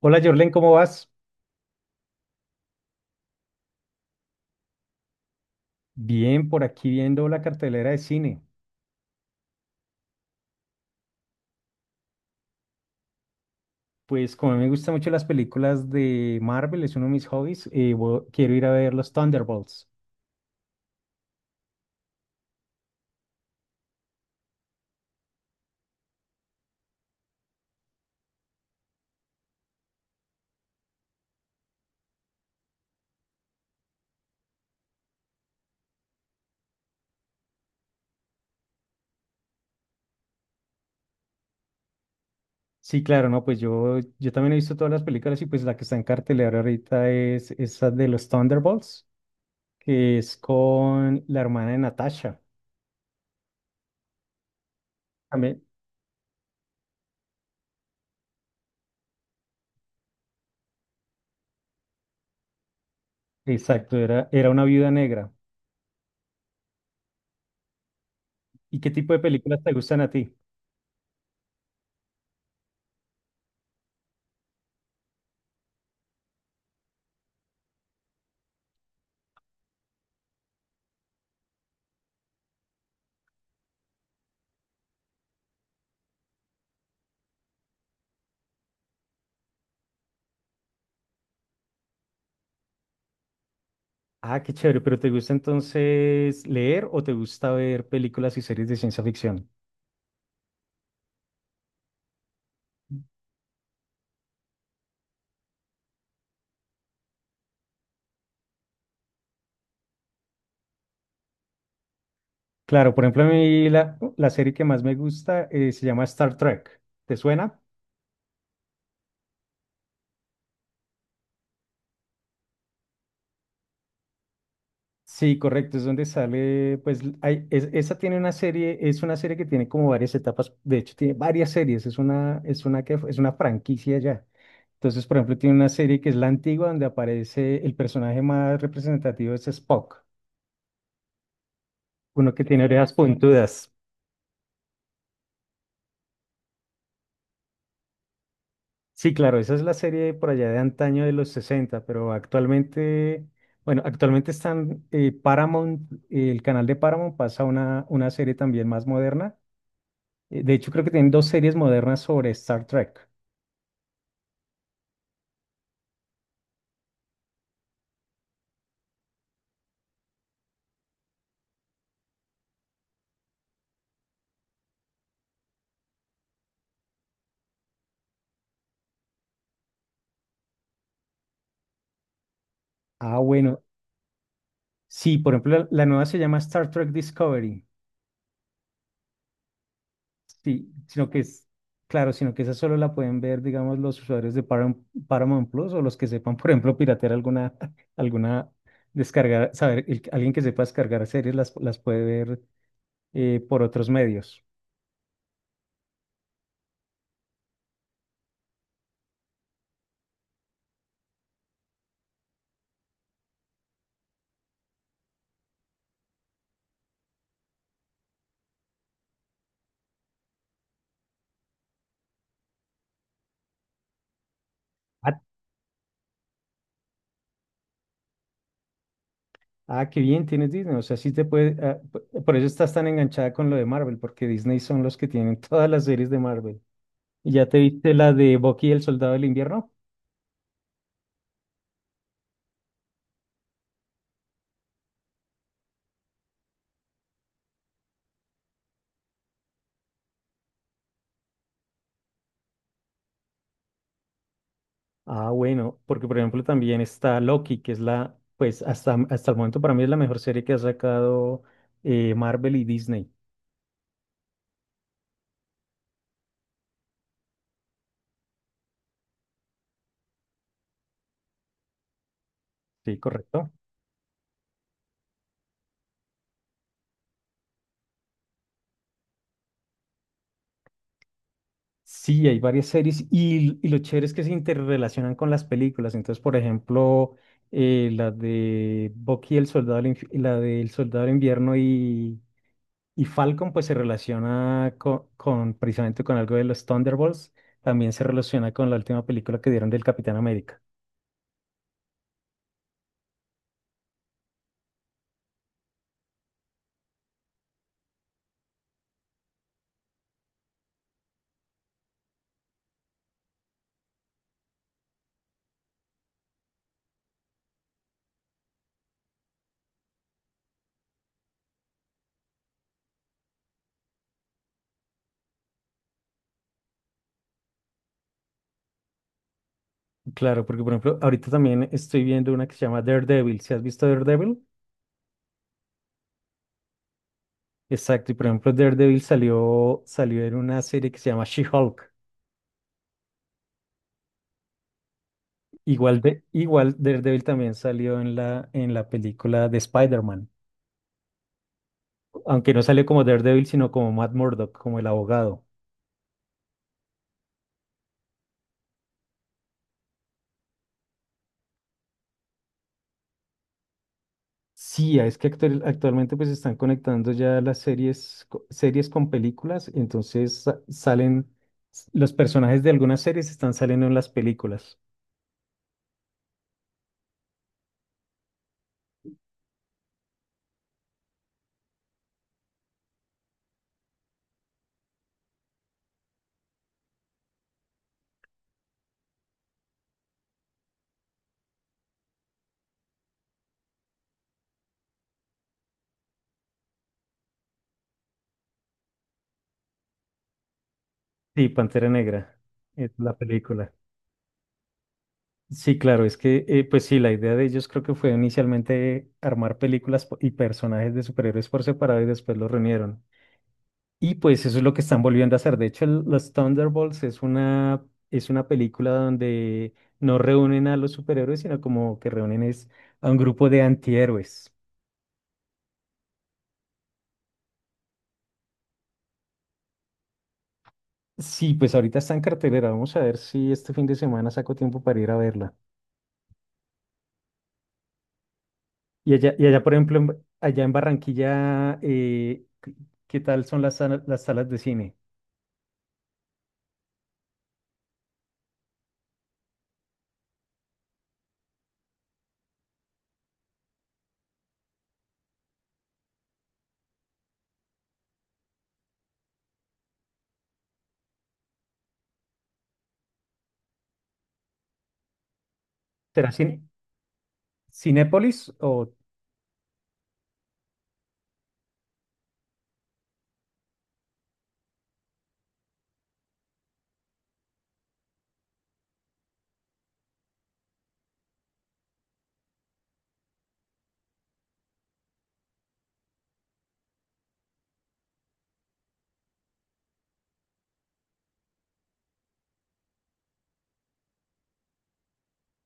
Hola Jorlen, ¿cómo vas? Bien, por aquí viendo la cartelera de cine. Pues como a mí me gustan mucho las películas de Marvel, es uno de mis hobbies, quiero ir a ver los Thunderbolts. Sí, claro, no, pues yo también he visto todas las películas y pues la que está en cartelera ahorita es esa de los Thunderbolts, que es con la hermana de Natasha. También, exacto, era una viuda negra. ¿Y qué tipo de películas te gustan a ti? Ah, qué chévere, pero ¿te gusta entonces leer o te gusta ver películas y series de ciencia ficción? Claro, por ejemplo, a mí la serie que más me gusta se llama Star Trek. ¿Te suena? Sí, correcto, es donde sale, pues, hay, esa tiene una serie, es una serie que tiene como varias etapas, de hecho tiene varias series, es una que, es una franquicia ya. Entonces, por ejemplo, tiene una serie que es la antigua, donde aparece el personaje más representativo es Spock, uno que tiene orejas puntudas. Sí, claro, esa es la serie por allá de antaño de los 60, pero actualmente, bueno, actualmente están Paramount, el canal de Paramount pasa una serie también más moderna. De hecho, creo que tienen dos series modernas sobre Star Trek. Ah, bueno, sí, por ejemplo, la nueva se llama Star Trek Discovery. Sí, sino que es, claro, sino que esa solo la pueden ver, digamos, los usuarios de Paramount Plus o los que sepan, por ejemplo, piratear alguna, alguna, descargar, saber, alguien que sepa descargar series las puede ver por otros medios. Ah, Ah, qué bien, tienes Disney. O sea, sí te puede. Por eso estás tan enganchada con lo de Marvel, porque Disney son los que tienen todas las series de Marvel. ¿Y ya te viste la de Bucky y el Soldado del Invierno? Ah, bueno, porque por ejemplo también está Loki, que es la, pues hasta, hasta el momento para mí es la mejor serie que ha sacado Marvel y Disney. Sí, correcto. Sí, hay varias series y lo chévere es que se interrelacionan con las películas. Entonces, por ejemplo, la de Bucky, el soldado, del inf- la del soldado del invierno y Falcon, pues se relaciona con, precisamente con algo de los Thunderbolts. También se relaciona con la última película que dieron del Capitán América. Claro, porque por ejemplo, ahorita también estoy viendo una que se llama Daredevil. ¿Si has visto Daredevil? Exacto, y por ejemplo, Daredevil salió en una serie que se llama She-Hulk. Igual de, igual Daredevil también salió en en la película de Spider-Man, aunque no salió como Daredevil, sino como Matt Murdock, como el abogado. Sí, es que actualmente pues están conectando ya las series, series con películas, entonces salen, los personajes de algunas series están saliendo en las películas. Sí, Pantera Negra es la película. Sí, claro, es que pues sí, la idea de ellos creo que fue inicialmente armar películas y personajes de superhéroes por separado y después los reunieron. Y pues eso es lo que están volviendo a hacer. De hecho, los Thunderbolts es una película donde no reúnen a los superhéroes, sino como que reúnen es a un grupo de antihéroes. Sí, pues ahorita está en cartelera. Vamos a ver si este fin de semana saco tiempo para ir a verla. Y allá por ejemplo, allá en Barranquilla, ¿qué qué tal son las salas de cine? ¿Será Cinépolis o...?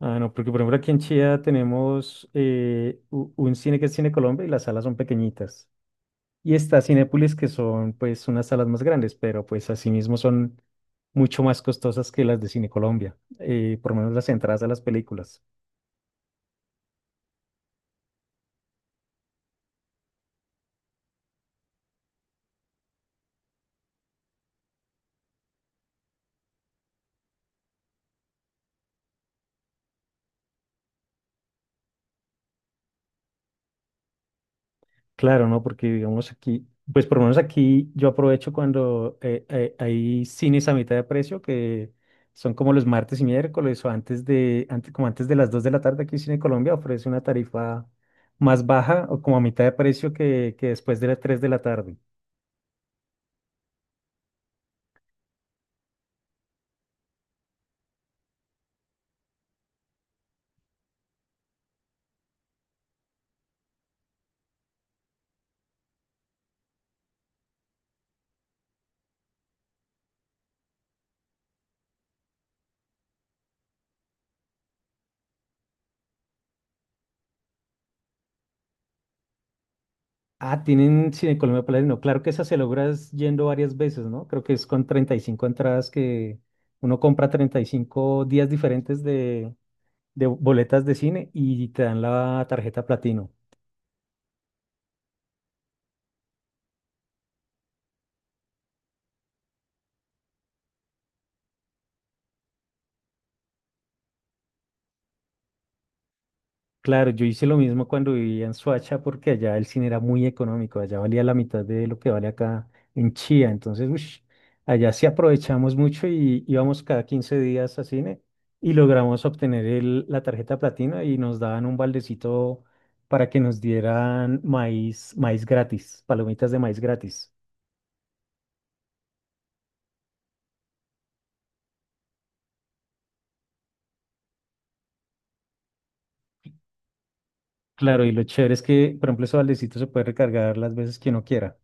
Ah, no, porque por ejemplo aquí en Chía tenemos un cine que es Cine Colombia y las salas son pequeñitas. Y está Cinépolis, que son pues unas salas más grandes, pero pues asimismo son mucho más costosas que las de Cine Colombia, por lo menos las entradas a las películas. Claro, ¿no? Porque digamos aquí, pues por lo menos aquí yo aprovecho cuando hay cines a mitad de precio, que son como los martes y miércoles o como antes de las 2 de la tarde, aquí Cine Colombia ofrece una tarifa más baja o como a mitad de precio que después de las 3 de la tarde. Ah, tienen Cine Colombia platino. Claro que esa se logra es yendo varias veces, ¿no? Creo que es con 35 entradas que uno compra 35 días diferentes de boletas de cine y te dan la tarjeta platino. Claro, yo hice lo mismo cuando vivía en Soacha porque allá el cine era muy económico, allá valía la mitad de lo que vale acá en Chía, entonces ush, allá sí aprovechamos mucho y íbamos cada 15 días a cine y logramos obtener la tarjeta platino y nos daban un baldecito para que nos dieran maíz gratis, palomitas de maíz gratis. Claro, y lo chévere es que, por ejemplo, ese baldecito se puede recargar las veces que uno quiera.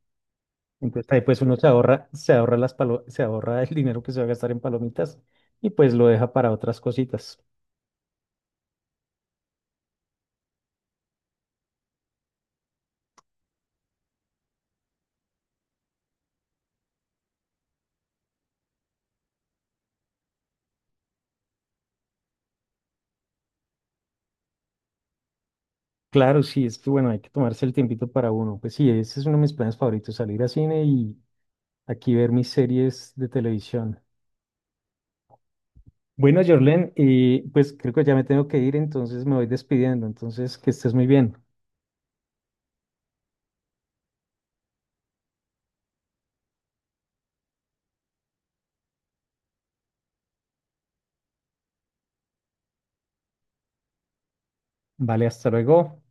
Entonces ahí pues uno se ahorra, se ahorra el dinero que se va a gastar en palomitas y pues lo deja para otras cositas. Claro, sí, es que bueno, hay que tomarse el tiempito para uno. Pues sí, ese es uno de mis planes favoritos, salir a cine y aquí ver mis series de televisión. Bueno, Jorlen, y pues creo que ya me tengo que ir, entonces me voy despidiendo. Entonces, que estés muy bien. Vale, hasta luego.